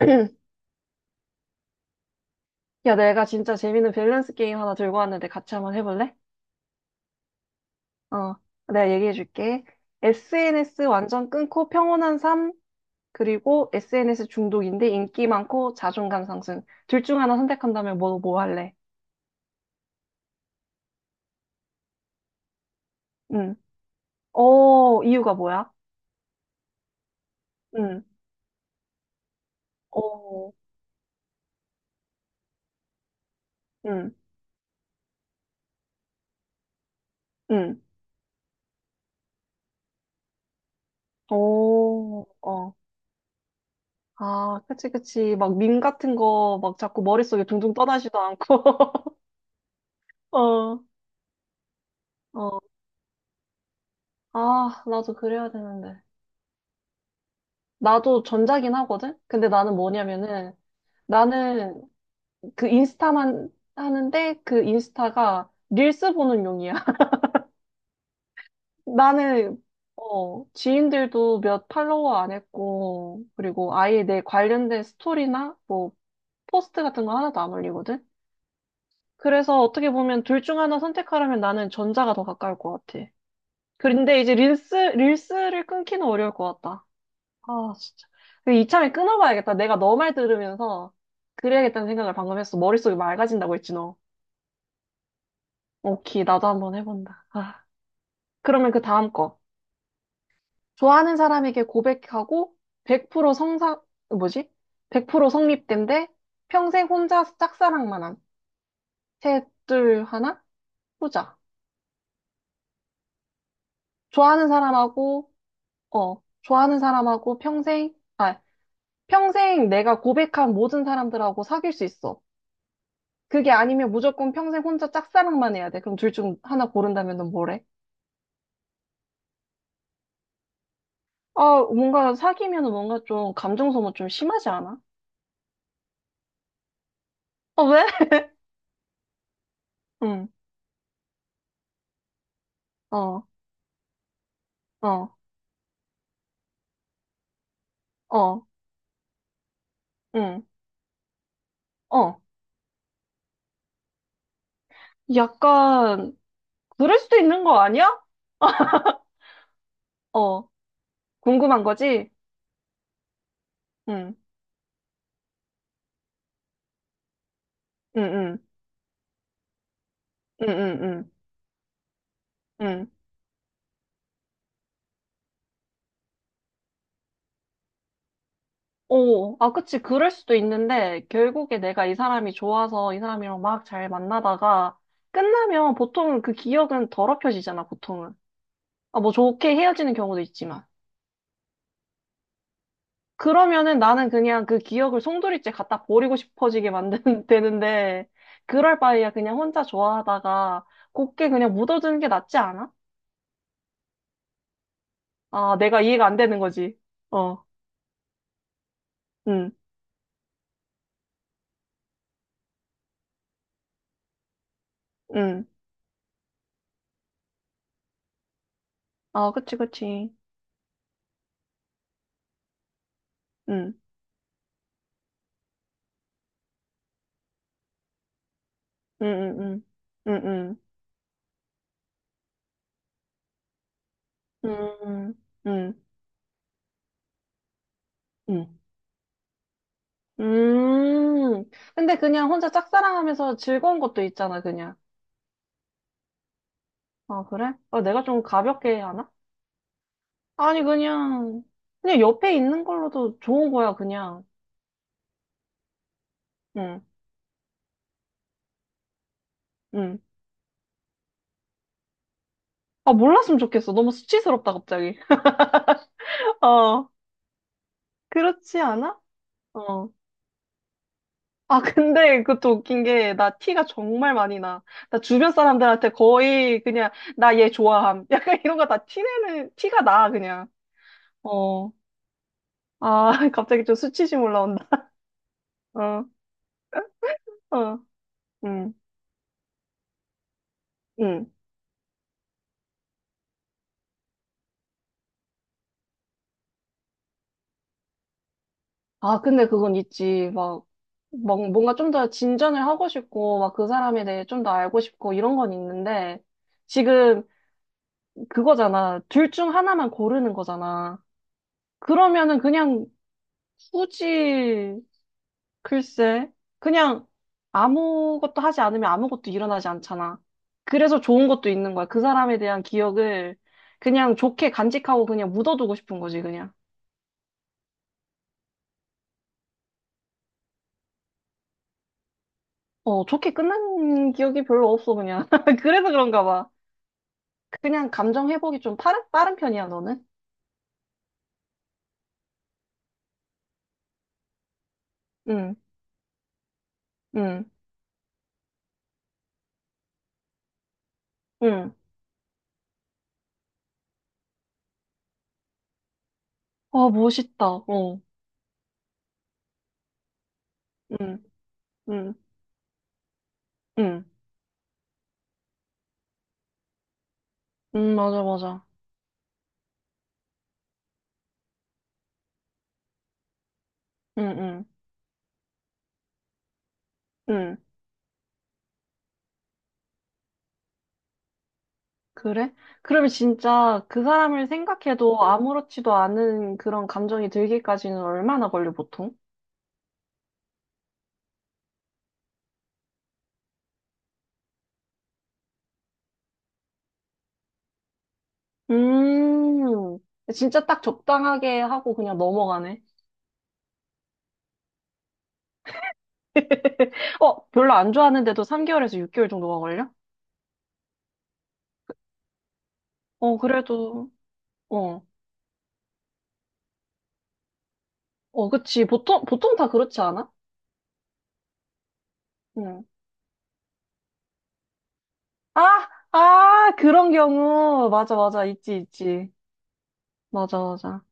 야, 내가 진짜 재밌는 밸런스 게임 하나 들고 왔는데 같이 한번 해볼래? 어, 내가 얘기해줄게. SNS 완전 끊고 평온한 삶, 그리고 SNS 중독인데 인기 많고 자존감 상승. 둘 중 하나 선택한다면 뭐 할래? 응. 어, 이유가 뭐야? 응. 어, 응, 응. 오, 어. 아, 그치, 그치. 막 밈 같은 거 막 자꾸 머릿속에 둥둥 떠나지도 않고. 어, 어. 아, 나도 그래야 되는데. 나도 전자긴 하거든? 근데 나는 뭐냐면은, 나는 그 인스타만 하는데 그 인스타가 릴스 보는 용이야. 나는, 어, 지인들도 몇 팔로워 안 했고, 그리고 아예 내 관련된 스토리나 뭐 포스트 같은 거 하나도 안 올리거든? 그래서 어떻게 보면 둘 중 하나 선택하라면 나는 전자가 더 가까울 것 같아. 그런데 이제 릴스를 끊기는 어려울 것 같다. 아, 진짜. 근데 이참에 끊어봐야겠다. 내가 너 말 들으면서 그래야겠다는 생각을 방금 했어. 머릿속이 맑아진다고 했지, 너. 오케이, 나도 한번 해본다. 아, 그러면 그 다음 거. 좋아하는 사람에게 고백하고 100% 성사, 뭐지? 100% 성립된데 평생 혼자 짝사랑만 한. 셋, 둘, 하나? 후자. 좋아하는 사람하고, 어, 좋아하는 사람하고 평생, 아, 평생 내가 고백한 모든 사람들하고 사귈 수 있어. 그게 아니면 무조건 평생 혼자 짝사랑만 해야 돼. 그럼 둘 중 하나 고른다면 넌 뭐래? 아, 뭔가 사귀면 뭔가 좀 감정 소모 좀 심하지 않아? 어, 왜? 응, 어, 어, 어, 응, 어. 약간, 그럴 수도 있는 거 아니야? 어, 궁금한 거지? 응, 응, 응, 응, 응, 응, 응. 오, 아, 그치. 그럴 수도 있는데, 결국에 내가 이 사람이 좋아서 이 사람이랑 막 잘 만나다가, 끝나면 보통은 그 기억은 더럽혀지잖아, 보통은. 아, 뭐 좋게 헤어지는 경우도 있지만. 그러면은 나는 그냥 그 기억을 송두리째 갖다 버리고 싶어지게 만드는, 되는데, 그럴 바에야 그냥 혼자 좋아하다가 곱게 그냥 묻어두는 게 낫지 않아? 아, 내가 이해가 안 되는 거지. 어, 응, 응. 아, 그치, 그치. 응, 응, 응, 응, 응, 응, 응, 응. 응, 응. 음, 근데 그냥 혼자 짝사랑하면서 즐거운 것도 있잖아, 그냥. 아, 그래? 아, 내가 좀 가볍게 하나? 아니, 그냥, 그냥 옆에 있는 걸로도 좋은 거야, 그냥. 응, 응. 아, 몰랐으면 좋겠어. 너무 수치스럽다, 갑자기. 어, 그렇지 않아? 어. 아, 근데 그것도 웃긴 게, 나 티가 정말 많이 나. 나 주변 사람들한테 거의 그냥, 나 얘 좋아함. 약간 이런 거 다 티내는, 티가 나, 그냥. 어. 아, 갑자기 좀 수치심 올라온다. 어, 어, 응, 응. 아, 근데 그건 있지. 막, 막 뭔가 좀 더 진전을 하고 싶고, 막 그 사람에 대해 좀 더 알고 싶고, 이런 건 있는데, 지금 그거잖아. 둘 중 하나만 고르는 거잖아. 그러면은 그냥 굳이, 글쎄, 그냥 아무것도 하지 않으면 아무것도 일어나지 않잖아. 그래서 좋은 것도 있는 거야. 그 사람에 대한 기억을 그냥 좋게 간직하고 그냥 묻어두고 싶은 거지, 그냥. 어, 좋게 끝난 기억이 별로 없어, 그냥. 그래서 그런가 봐. 그냥 감정 회복이 좀 빠른 편이야, 너는? 응, 응, 응. 아, 멋있다. 어, 응, 응, 응. 응, 맞아, 맞아. 응, 응, 응. 그래? 그러면 진짜 그 사람을 생각해도 아무렇지도 않은 그런 감정이 들기까지는 얼마나 걸려, 보통? 음, 진짜 딱 적당하게 하고 그냥 넘어가네. 어, 별로 안 좋아하는데도 3개월에서 6개월 정도가 걸려? 어, 그래도, 어, 어, 그치. 보통, 보통 다 그렇지 않아? 응. 아, 아, 그런 경우. 맞아, 맞아. 있지, 있지. 맞아, 맞아.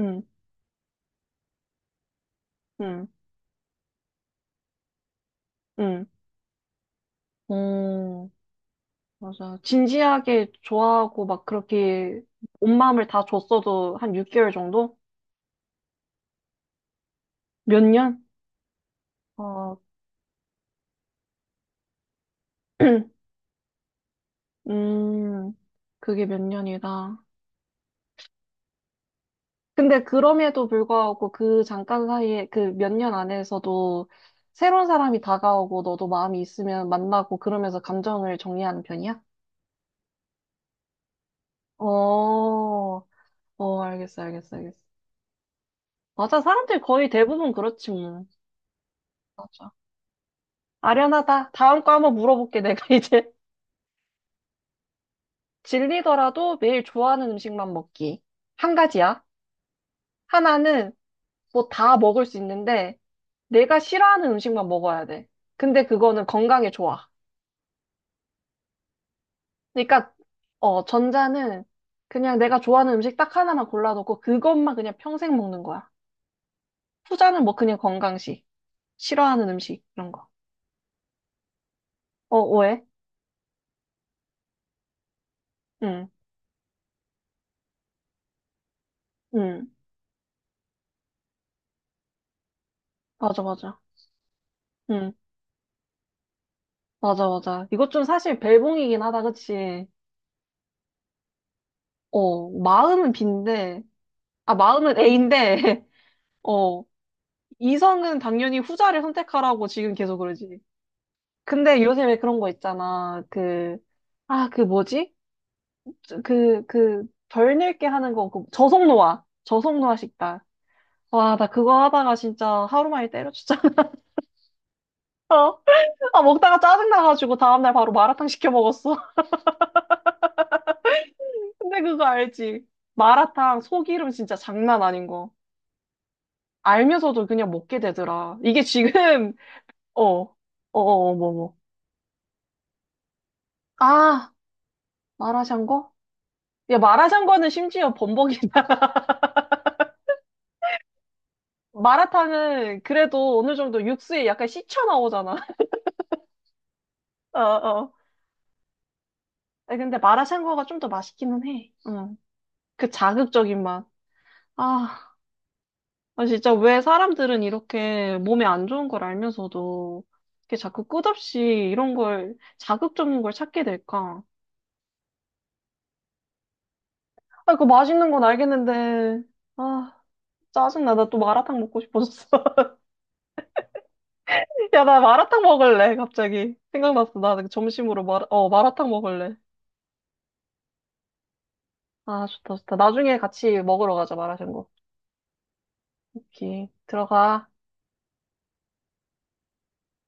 응, 응, 응. 어, 맞아. 진지하게 좋아하고 막 그렇게 온 마음을 다 줬어도 한 6개월 정도? 몇 년? 어, 음, 그게 몇 년이다. 근데 그럼에도 불구하고 그 잠깐 사이에 그 몇 년 안에서도 새로운 사람이 다가오고 너도 마음이 있으면 만나고 그러면서 감정을 정리하는 편이야? 어, 어, 알겠어, 알겠어, 알겠어. 맞아, 사람들 거의 대부분 그렇지, 뭐. 맞아. 아련하다. 다음 거 한번 물어볼게, 내가 이제. 질리더라도 매일 좋아하는 음식만 먹기. 한 가지야. 하나는 뭐 다 먹을 수 있는데, 내가 싫어하는 음식만 먹어야 돼. 근데 그거는 건강에 좋아. 그러니까, 어, 전자는 그냥 내가 좋아하는 음식 딱 하나만 골라놓고 그것만 그냥 평생 먹는 거야. 후자는 뭐 그냥 건강식. 싫어하는 음식, 이런 거. 어, 왜? 응, 응. 맞아, 맞아. 응, 맞아, 맞아. 이것 좀 사실 벨붕이긴 하다, 그치? 어, 마음은 B인데, 아, 마음은 A인데, 어, 이성은 당연히 후자를 선택하라고 지금 계속 그러지. 근데 요새 왜 그런 거 있잖아. 그, 아, 그 뭐지? 그, 덜 늙게 하는 거, 그 저속노화. 저속노화 식단. 와, 나 그거 하다가 진짜 하루 만에 때려쳤잖아. 아, 먹다가 짜증나가지고 다음날 바로 마라탕 시켜 먹었어. 근데 그거 알지? 마라탕 소기름 진짜 장난 아닌 거. 알면서도 그냥 먹게 되더라. 이게 지금, 어, 어, 어, 어, 뭐, 뭐. 아, 마라샹궈? 야, 마라샹궈는 심지어 범벅이다. 마라탕은 그래도 어느 정도 육수에 약간 씻혀 나오잖아. 어, 어. 아니, 근데 마라샹궈가 좀 더 맛있기는 해. 응. 그 자극적인 맛. 아, 아, 진짜 왜 사람들은 이렇게 몸에 안 좋은 걸 알면서도 이렇게 자꾸 끝없이 이런 걸, 자극적인 걸 찾게 될까? 아, 그 맛있는 건 알겠는데. 아. 짜증나. 나 또 마라탕 먹고 싶어졌어. 야, 나 마라탕 먹을래, 갑자기. 생각났어. 나 점심으로 마라탕 먹을래. 아, 좋다, 좋다. 나중에 같이 먹으러 가자, 마라샹궈. 오케이. 들어가.